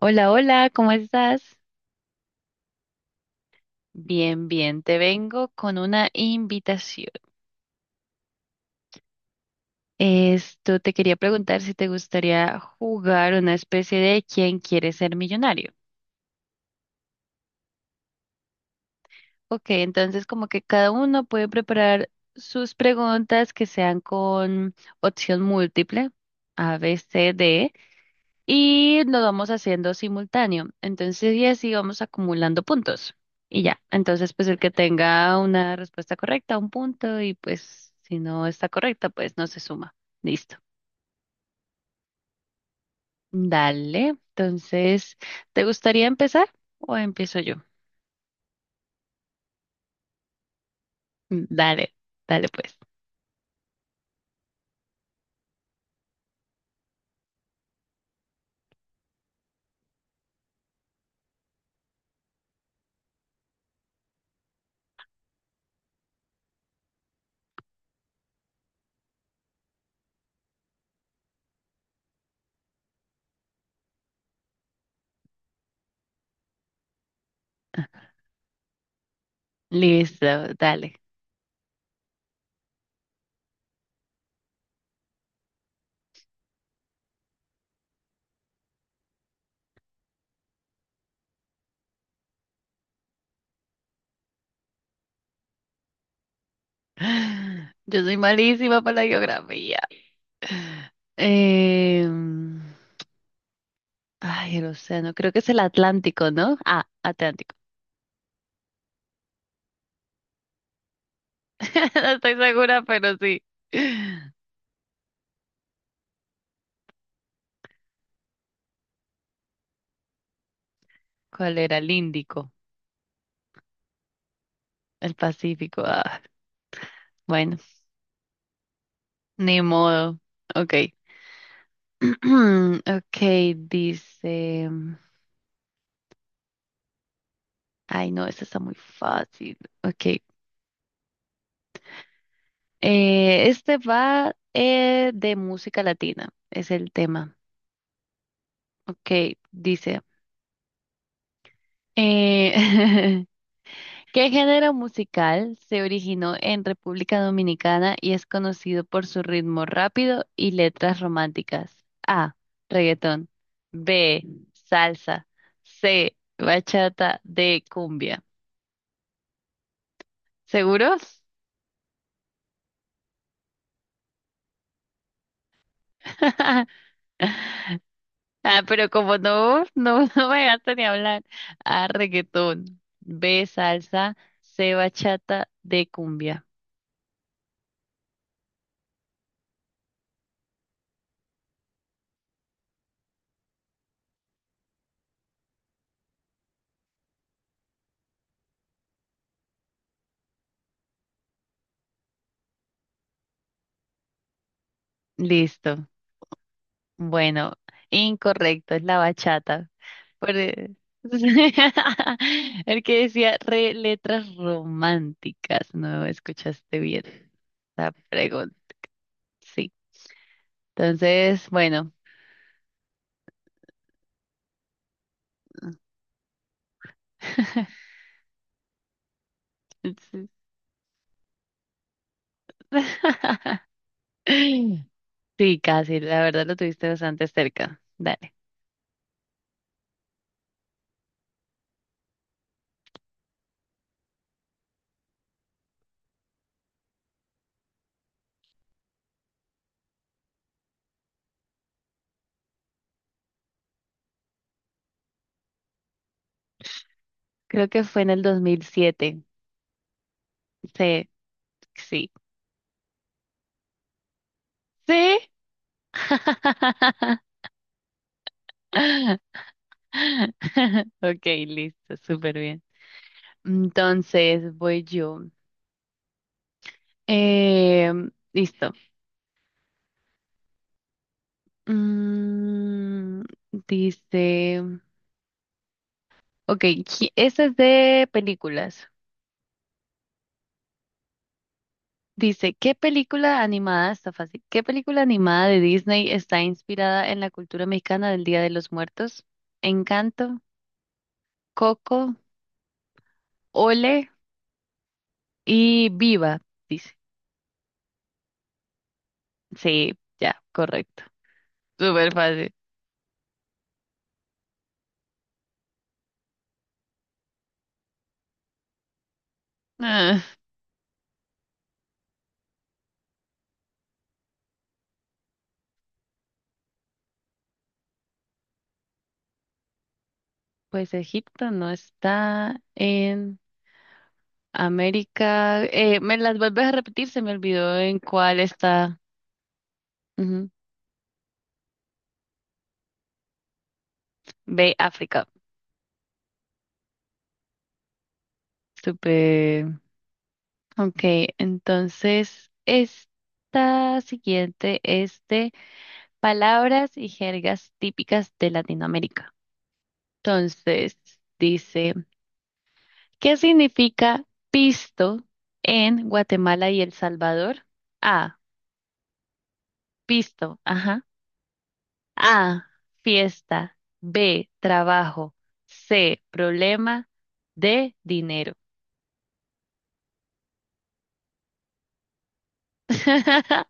Hola, hola, ¿cómo estás? Bien, bien, te vengo con una invitación. Esto te quería preguntar si te gustaría jugar una especie de ¿Quién quiere ser millonario? Ok, entonces como que cada uno puede preparar sus preguntas que sean con opción múltiple, A, B, C, D. Y lo vamos haciendo simultáneo. Entonces, y así vamos acumulando puntos. Y ya, entonces, pues el que tenga una respuesta correcta, un punto, y pues si no está correcta, pues no se suma. Listo. Dale. Entonces, ¿te gustaría empezar o empiezo yo? Mm, dale, dale pues. Listo, dale. Yo soy malísima para la geografía. Em, ay, el océano, creo que es el Atlántico, ¿no? Ah, Atlántico. No estoy segura, pero sí. ¿Cuál era? El Índico, el Pacífico. Ah, bueno, ni modo. Ok. Ok, dice. Ay, no, esta está muy fácil. Ok. Este va de música latina, es el tema. Ok, dice. eh, ¿Qué género musical se originó en República Dominicana y es conocido por su ritmo rápido y letras románticas? A. Reggaetón. B. Salsa. C. Bachata. D. Cumbia. ¿Seguros? Ah, pero como no, no, no me dejaste ni hablar. A. Reggaetón. B. Salsa. C. Bachata. D. Cumbia. Listo. Bueno, incorrecto, es la bachata. Por e- el que decía re letras románticas, no escuchaste bien la pregunta. Sí. Entonces, bueno. Sí, sí, casi, la verdad lo tuviste bastante cerca. Dale. Creo que fue en el 2007. Sí, sí. Sí. Ok, listo, súper bien. Entonces, voy yo. Eh, listo. Mm, dice, ok, esta es de películas. Dice, ¿qué película animada, está fácil, qué película animada de Disney está inspirada en la cultura mexicana del Día de los Muertos? Encanto, Coco, Ole y Viva, dice. Sí, ya, correcto. Súper fácil. Ah, pues Egipto no está en... América. ¿Me las vuelves a repetir? Se me olvidó en cuál está. Ujú. Ve África. Súper. Ok, entonces esta siguiente es de palabras y jergas típicas de Latinoamérica. Entonces dice, ¿qué significa pisto en Guatemala y El Salvador? A, pisto, ajá. A, fiesta. B, trabajo. C, problema. D, dinero.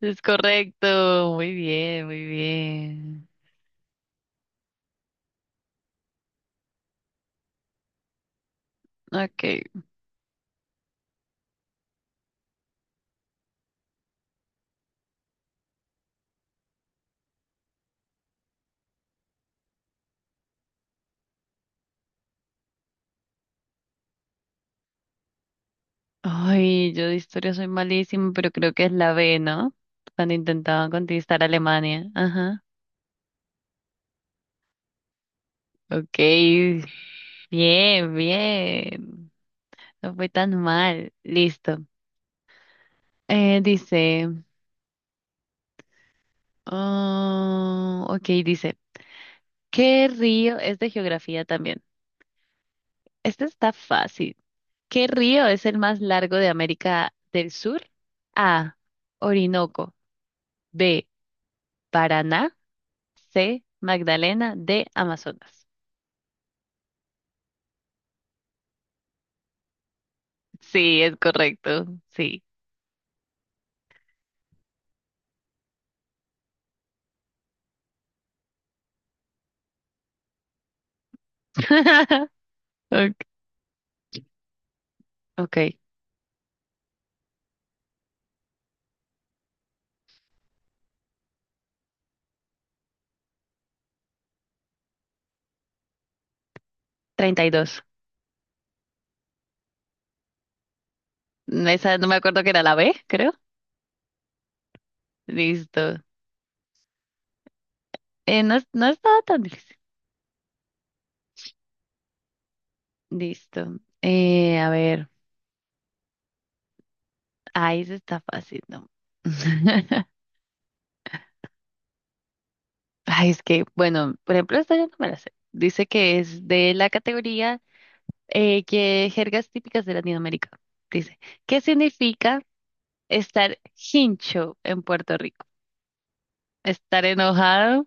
Es correcto. Muy bien, muy bien. Ok. Ay, yo de historia soy malísima, pero creo que es la B, ¿no? Cuando intentaban conquistar Alemania. Ajá. Ok. Bien, bien. No fue tan mal. Listo. Dice. Ah, ok, dice. ¿Qué río es de geografía también? Este está fácil. ¿Qué río es el más largo de América del Sur? A. Orinoco. B. Paraná. C. Magdalena. D. Amazonas. Sí, es correcto. Sí. Ok. Ok. 32. Esa no me acuerdo que era la B, creo. Listo. No, no estaba tan difícil. Listo. A ver. Ahí se está fácil, ¿no? Ay, es que, bueno, por ejemplo, esta yo no me la sé. Dice que es de la categoría que jergas típicas de Latinoamérica. Dice, ¿qué significa estar hincho en Puerto Rico? Estar enojado,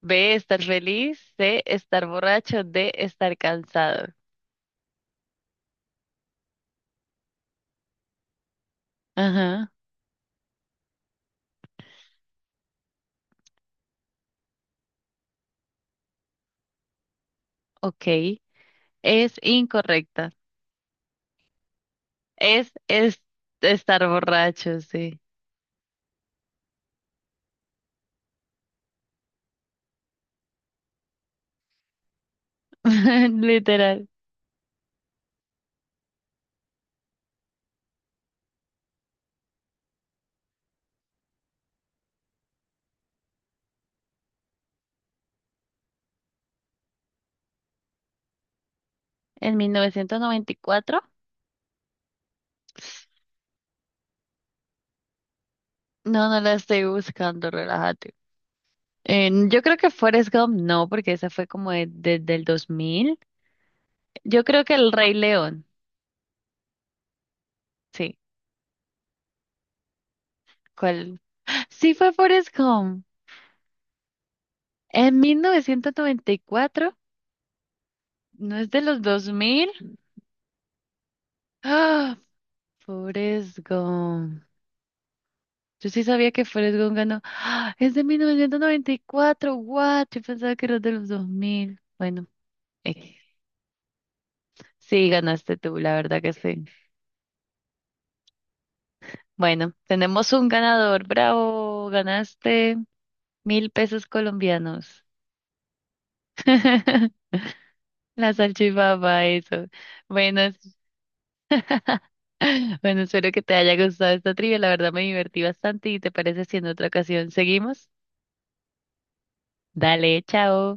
B, estar feliz, C, estar borracho, D, estar cansado. Ajá, ok. Es incorrecta. Es estar borracho, sí. Literal. En 1994. No, no la estoy buscando, relájate. Yo creo que Forrest Gump no, porque esa fue desde el 2000. Yo creo que El Rey León, sí. ¿Cuál? Sí fue Forrest Gump. En 1994, no es de los 2000. Ah, Forrest Gump. Yo sí sabía que Forrest Gump ganó. ¡Ah! Es de 1994, what? Yo pensaba que era de los 2000. Bueno, X. Sí, ganaste tú, la verdad que sí. Bueno, tenemos un ganador, bravo, ganaste. Mil pesos colombianos. La salchipapa, eso. Bueno, bueno, espero que te haya gustado esta trivia. La verdad me divertí bastante y te parece si en otra ocasión seguimos. Dale, chao.